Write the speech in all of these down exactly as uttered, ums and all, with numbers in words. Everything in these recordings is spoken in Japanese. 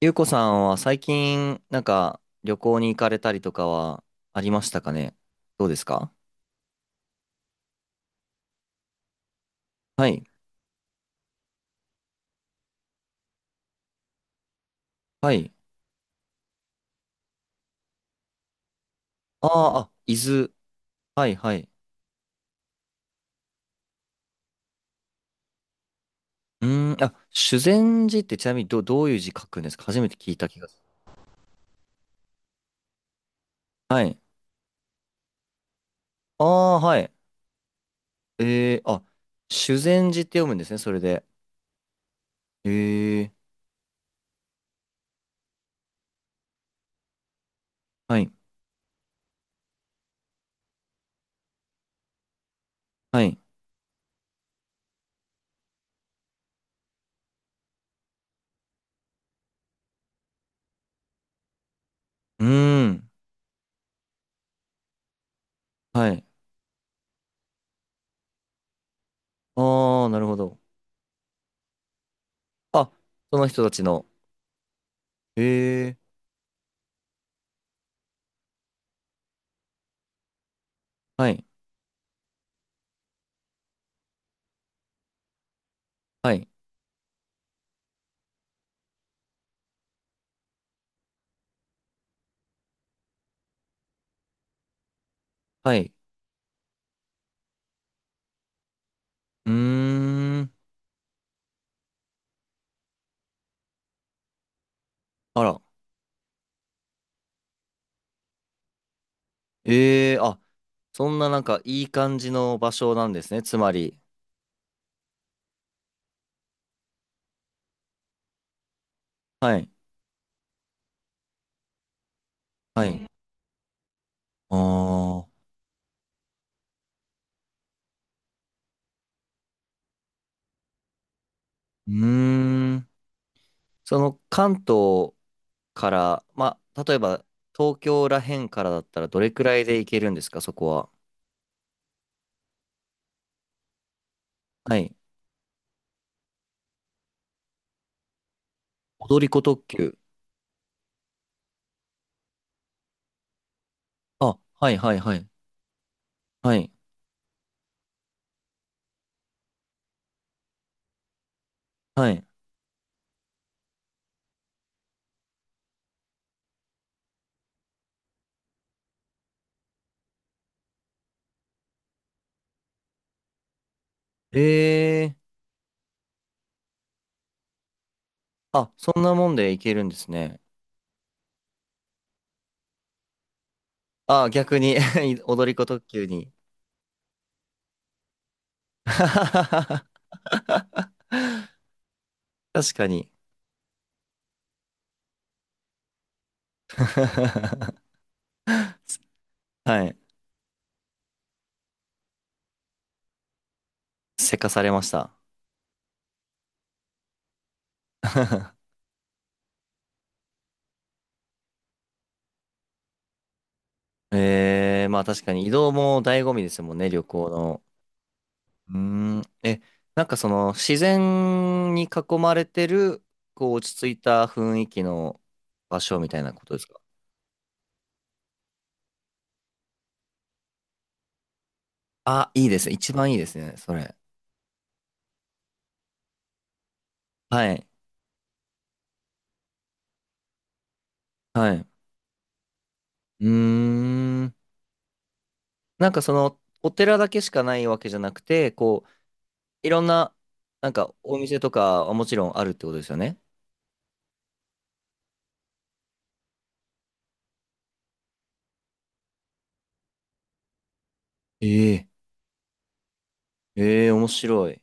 ゆうこさんは最近、なんか、旅行に行かれたりとかはありましたかね。どうですか？はい。はい。ああ、あ、伊豆。はい、はい。うーん、あ、修善寺ってちなみにど、どういう字書くんですか？初めて聞いた気がする。はい。ああ、はい。えー、あ、修善寺って読むんですね、それで。えー、はい、はい。うーん、はい。ああ、なるほど。あ、その人たちの。えー、はい、はい、はい。うーん、あら。ええー、あ、そんななんかいい感じの場所なんですね。つまり。はい。はい。ああ。うーん。その関東から、まあ、例えば東京らへんからだったらどれくらいで行けるんですか、そこは？はい。踊り子特急。あ、はいはいはい。はい。はい。ええー、あ、そんなもんで行けるんですね。あ、逆に 踊り子特急に。確かに。はい。せかされました。ええ、まあ確かに移動も醍醐味ですもんね、旅行の。うーん。え、なんかその自然に囲まれてる、こう落ち着いた雰囲気の場所みたいなことですか？あ、いいですね。一番いいですね、それ。はい。はい。うーん。なんかそのお寺だけしかないわけじゃなくて、こう、いろんな、なんかお店とかはもちろんあるってことですよね。ええ、ええ、面白い。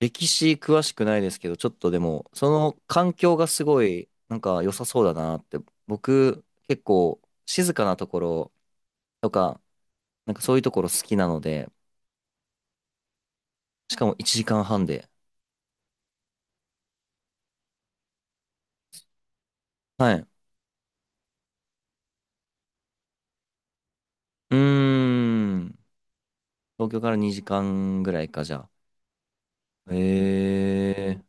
歴史詳しくないですけど、ちょっとでも、その環境がすごい、なんか良さそうだなって、僕、結構、静かなところとか、なんかそういうところ好きなので、しかもいちじかんはんで。はい。うーん。東京からにじかんぐらいか、じゃあ。えー。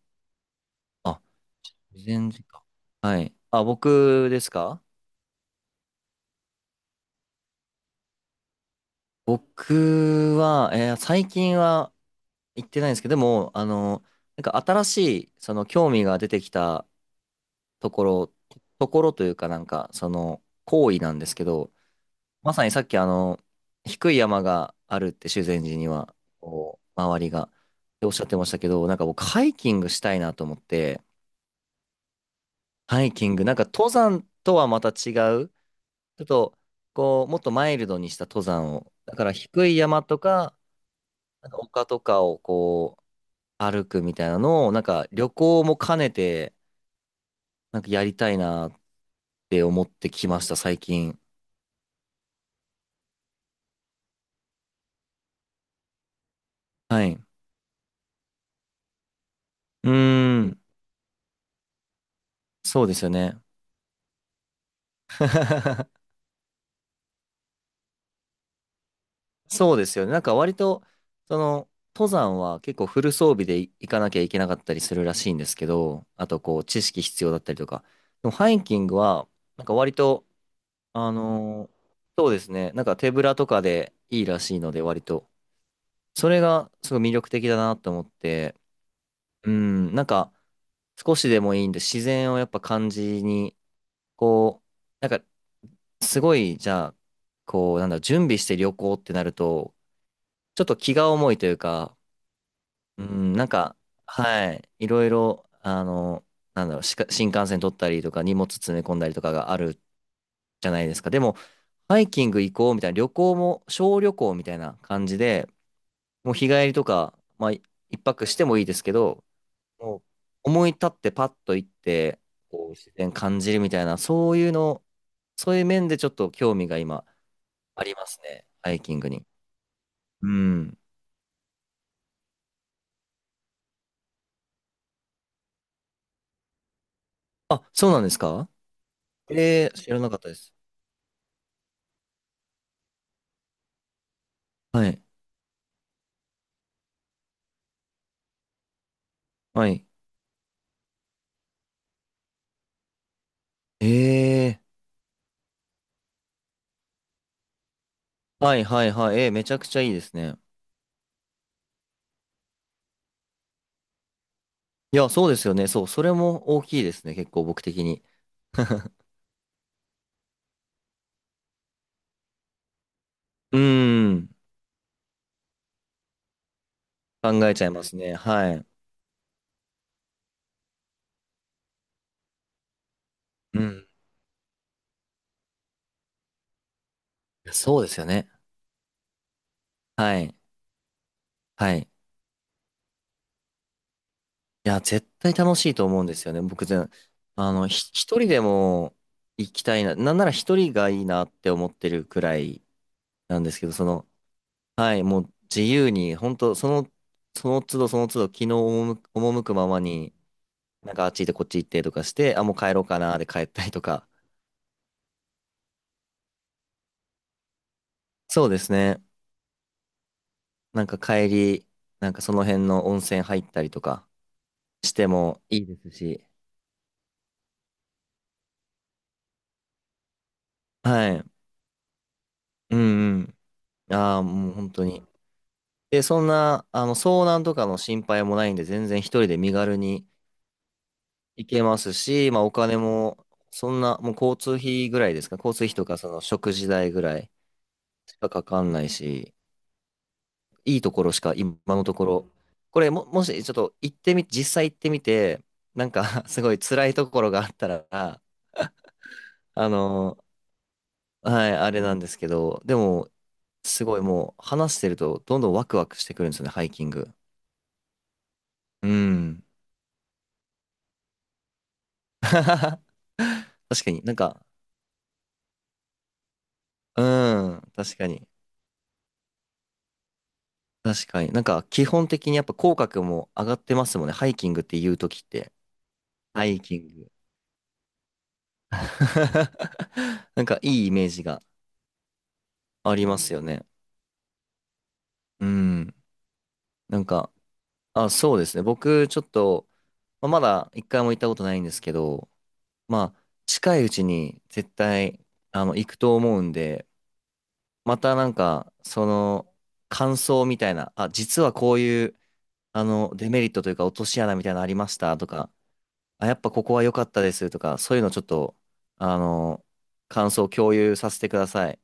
あ、全時間。はい。あ、僕ですか？僕は、えー最近は行ってないんですけど、でも、あの、なんか新しい、その興味が出てきたところ、ところというかなんか、その行為なんですけど、まさにさっきあの、低い山があるって修善寺には、こう、周りが、っておっしゃってましたけど、なんか僕ハイキングしたいなと思って、ハイキング、なんか登山とはまた違う、ちょっと、こう、もっとマイルドにした登山を、だから低い山とか、なんか丘とかをこう、歩くみたいなのを、なんか旅行も兼ねて、なんかやりたいなって思ってきました、最近。はい。うーん、そうですよね。そうですよね。なんか割と、その、登山は結構フル装備でい行かなきゃいけなかったりするらしいんですけど、あとこう、知識必要だったりとか。でもハイキングは、なんか割と、あのーそうですね。なんか手ぶらとかでいいらしいので、割と。それがすごい魅力的だなと思って、うん、なんか少しでもいいんで、自然をやっぱ感じに、こう、なんかすごい、じゃあ、こう、なんだろう、準備して旅行ってなると、ちょっと気が重いというか、うん、なんか、はい、いろいろ、あの、なんだろう、しか新幹線取ったりとか、荷物詰め込んだりとかがあるじゃないですか。でも、ハイキング行こうみたいな、旅行も、小旅行みたいな感じで、もう日帰りとか、まあ、い一泊してもいいですけど、もう思い立ってパッと行って、こう、自然感じるみたいな、そういうの、そういう面でちょっと興味が今ありますね、ハイキングに。うん。あ、そうなんですか？えー、知らなかったです。はい。はい。えー、はいはいはい。えー、めちゃくちゃいいですね。いや、そうですよね。そう、それも大きいですね。結構僕的に。うーん。考えちゃいますね。はい。うん。そうですよね。はい。はい。いや、絶対楽しいと思うんですよね。僕全、あの、ひ一人でも行きたいな。なんなら一人がいいなって思ってるくらいなんですけど、その、はい、もう自由に、本当その、その都度その都度、気の赴く赴くままに、なんかあっち行ってこっち行ってとかして、あ、もう帰ろうかな、で帰ったりとか。そうですね。なんか帰り、なんかその辺の温泉入ったりとかしてもいいですし。はい。うんうん。ああ、もう本当に。で、そんな、あの、遭難とかの心配もないんで、全然一人で身軽に行けますし、まあお金も、そんな、もう交通費ぐらいですか、交通費とかその食事代ぐらい。しかかかんないし、いいところしか今のところ、これも、もしちょっと行ってみ、実際行ってみて、なんか すごい辛いところがあったら、あの、はい、あれなんですけど、でも、すごいもう話してるとどんどんワクワクしてくるんですよね、ハイキング。うん。確かになんか、うん、確かに。確かに。なんか基本的にやっぱ口角も上がってますもんね、ハイキングって言うときって。ハイキング。なんかいいイメージが。ありますよね。うん。なんか、あ、そうですね。僕、ちょっと、まあ、まだいっかいも行ったことないんですけど、まあ、近いうちに絶対、あの、行くと思うんで、またなんか、その、感想みたいな、あ、実はこういう、あの、デメリットというか、落とし穴みたいなのありましたとか、あ、やっぱここは良かったですとか、そういうのちょっと、あの、感想を共有させてください。